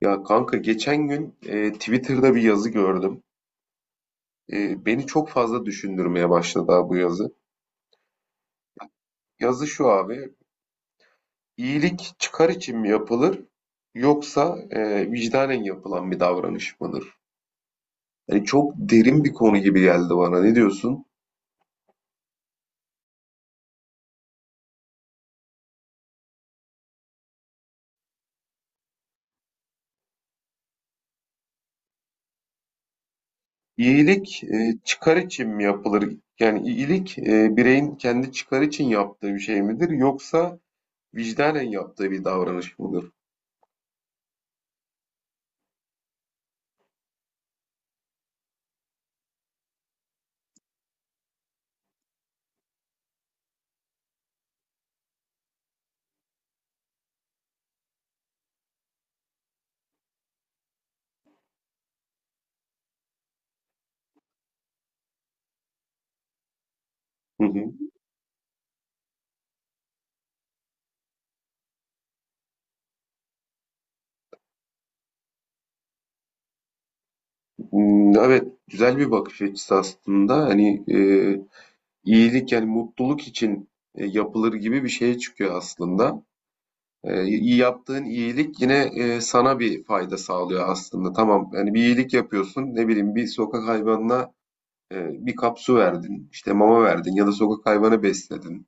Ya kanka geçen gün Twitter'da bir yazı gördüm. Beni çok fazla düşündürmeye başladı ha bu yazı. Yazı şu abi, iyilik çıkar için mi yapılır yoksa vicdanen yapılan bir davranış mıdır? Yani çok derin bir konu gibi geldi bana. Ne diyorsun? İyilik çıkar için mi yapılır? Yani iyilik bireyin kendi çıkar için yaptığı bir şey midir yoksa vicdanen yaptığı bir davranış mıdır? Hmm, evet, güzel bir bakış açısı aslında. Hani iyilik yani mutluluk için yapılır gibi bir şeye çıkıyor aslında. İyi yaptığın iyilik yine sana bir fayda sağlıyor aslında. Tamam, yani bir iyilik yapıyorsun. Ne bileyim bir sokak hayvanına bir kap su verdin, işte mama verdin ya da sokak hayvanı besledin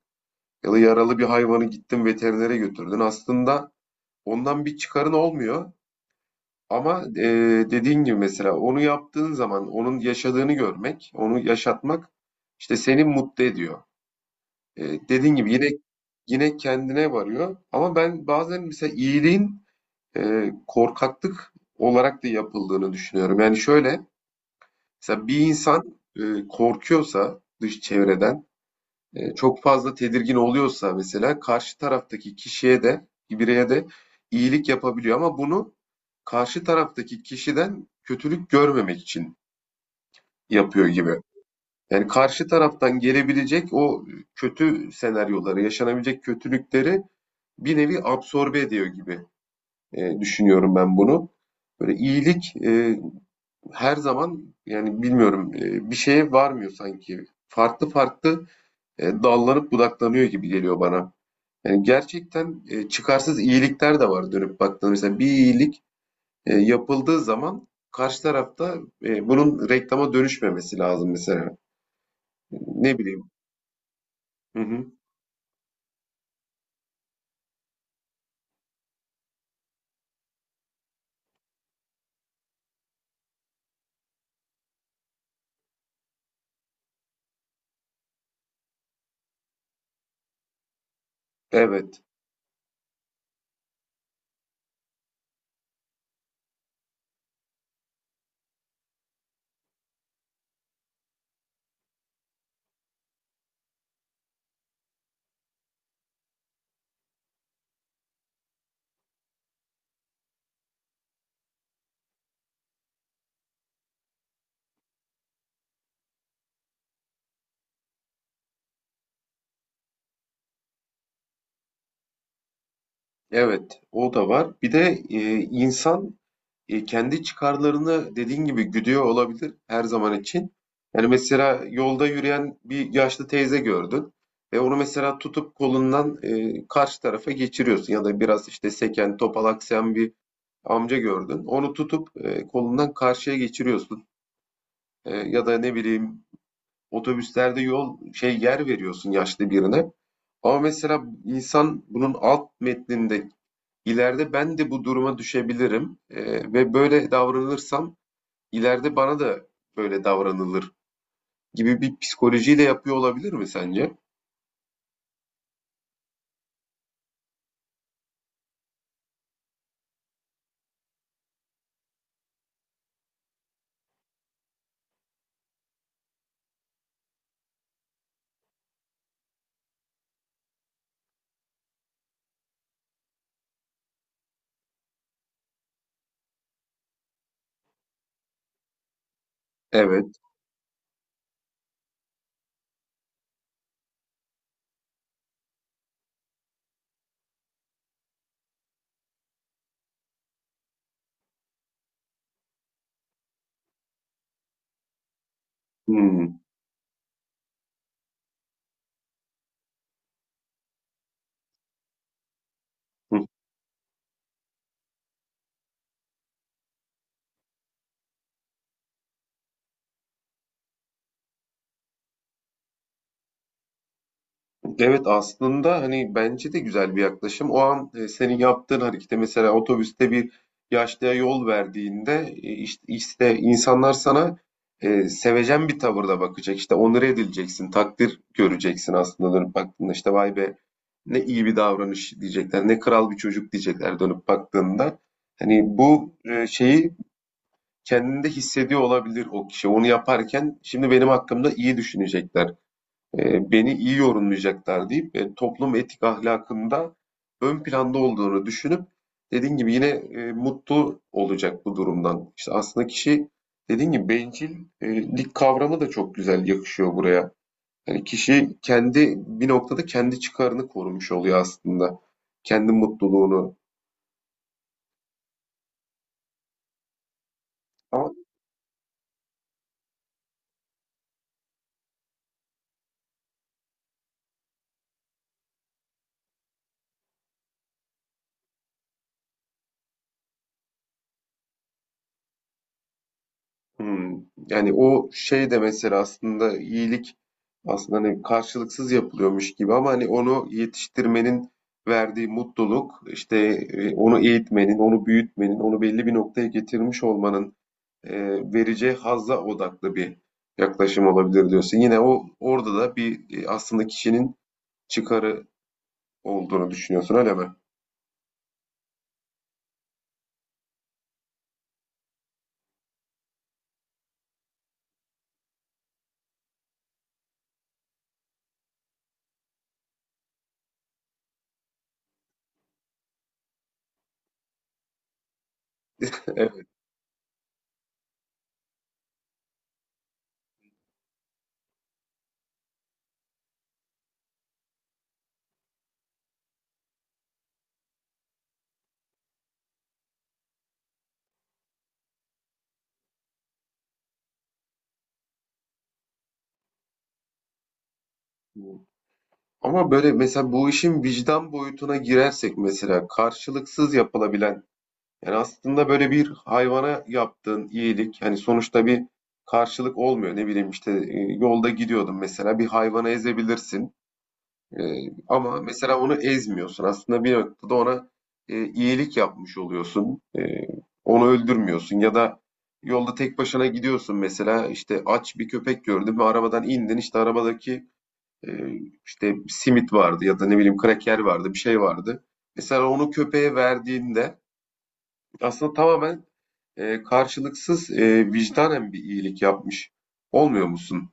ya da yaralı bir hayvanı gittin veterinere götürdün. Aslında ondan bir çıkarın olmuyor. Ama dediğin gibi mesela onu yaptığın zaman onun yaşadığını görmek, onu yaşatmak işte seni mutlu ediyor. Dediğin gibi yine yine kendine varıyor. Ama ben bazen mesela iyiliğin korkaklık olarak da yapıldığını düşünüyorum. Yani şöyle mesela bir insan korkuyorsa dış çevreden çok fazla tedirgin oluyorsa mesela karşı taraftaki kişiye de bireye de iyilik yapabiliyor ama bunu karşı taraftaki kişiden kötülük görmemek için yapıyor gibi. Yani karşı taraftan gelebilecek o kötü senaryoları, yaşanabilecek kötülükleri bir nevi absorbe ediyor gibi düşünüyorum ben bunu. Böyle iyilik her zaman yani bilmiyorum bir şeye varmıyor sanki. Farklı farklı dallanıp budaklanıyor gibi geliyor bana. Yani gerçekten çıkarsız iyilikler de var dönüp baktığında. Mesela bir iyilik yapıldığı zaman karşı tarafta bunun reklama dönüşmemesi lazım mesela. Ne bileyim. Hı hı. Evet. Evet, o da var. Bir de insan kendi çıkarlarını dediğin gibi güdüyor olabilir her zaman için. Yani mesela yolda yürüyen bir yaşlı teyze gördün. Ve onu mesela tutup kolundan karşı tarafa geçiriyorsun. Ya da biraz işte seken, topalaksayan bir amca gördün. Onu tutup kolundan karşıya geçiriyorsun. Ya da ne bileyim otobüslerde yol şey yer veriyorsun yaşlı birine. Ama mesela insan bunun alt metninde ileride ben de bu duruma düşebilirim ve böyle davranırsam ileride bana da böyle davranılır gibi bir psikolojiyle yapıyor olabilir mi sence? Evet. Hmm. Evet, aslında hani bence de güzel bir yaklaşım. O an senin yaptığın harekete mesela otobüste bir yaşlıya yol verdiğinde işte insanlar sana sevecen bir tavırda bakacak. İşte onore edileceksin, takdir göreceksin aslında dönüp baktığında. İşte vay be ne iyi bir davranış diyecekler, ne kral bir çocuk diyecekler dönüp baktığında. Hani bu şeyi kendinde hissediyor olabilir o kişi. Onu yaparken şimdi benim hakkımda iyi düşünecekler beni iyi yorumlayacaklar deyip toplum etik ahlakında ön planda olduğunu düşünüp dediğin gibi yine mutlu olacak bu durumdan. İşte aslında kişi dediğin gibi bencillik kavramı da çok güzel yakışıyor buraya. Yani kişi kendi bir noktada kendi çıkarını korumuş oluyor aslında. Kendi mutluluğunu. Ama hmm. Yani o şey de mesela aslında iyilik aslında hani karşılıksız yapılıyormuş gibi ama hani onu yetiştirmenin verdiği mutluluk işte onu eğitmenin, onu büyütmenin, onu belli bir noktaya getirmiş olmanın e, vereceği hazza odaklı bir yaklaşım olabilir diyorsun. Yine o orada da bir aslında kişinin çıkarı olduğunu düşünüyorsun öyle mi? Evet. Ama böyle mesela bu işin vicdan boyutuna girersek mesela karşılıksız yapılabilen yani aslında böyle bir hayvana yaptığın iyilik hani sonuçta bir karşılık olmuyor. Ne bileyim işte yolda gidiyordun mesela bir hayvana ezebilirsin. E, Ama mesela onu ezmiyorsun. Aslında bir noktada ona iyilik yapmış oluyorsun. Onu öldürmüyorsun ya da yolda tek başına gidiyorsun mesela işte aç bir köpek gördün ve arabadan indin işte arabadaki e, işte simit vardı ya da ne bileyim kraker vardı bir şey vardı. Mesela onu köpeğe verdiğinde aslında tamamen karşılıksız vicdanen bir iyilik yapmış. Olmuyor musun?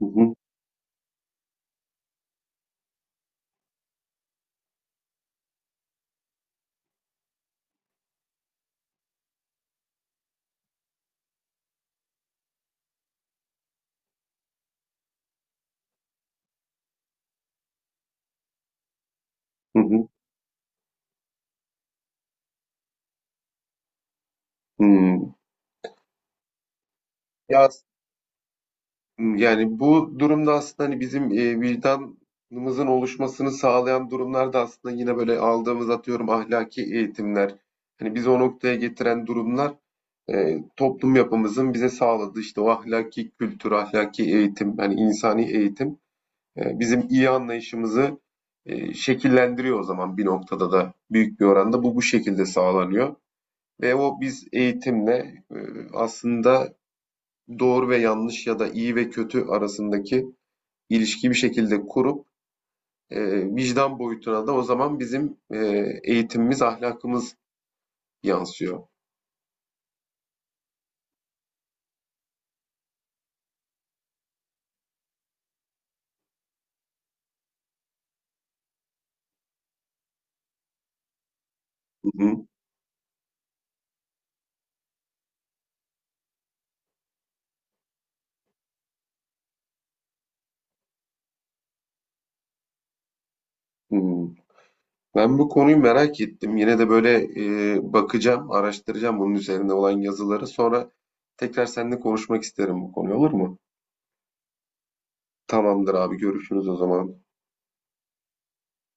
Hı hı, hı hı, hı. Ya yani bu durumda aslında hani bizim vicdanımızın oluşmasını sağlayan durumlar da aslında yine böyle aldığımız atıyorum ahlaki eğitimler. Hani bizi o noktaya getiren durumlar toplum yapımızın bize sağladığı işte o ahlaki kültür, ahlaki eğitim, yani insani eğitim. Bizim iyi anlayışımızı şekillendiriyor o zaman bir noktada da büyük bir oranda bu şekilde sağlanıyor. Ve o biz eğitimle aslında doğru ve yanlış ya da iyi ve kötü arasındaki ilişkiyi bir şekilde kurup e, vicdan boyutuna da o zaman bizim eğitimimiz, ahlakımız yansıyor. Hı hı. Hı. Ben bu konuyu merak ettim. Yine de böyle bakacağım, araştıracağım bunun üzerine olan yazıları. Sonra tekrar seninle konuşmak isterim bu konuyu, olur mu? Tamamdır abi, görüşürüz o zaman.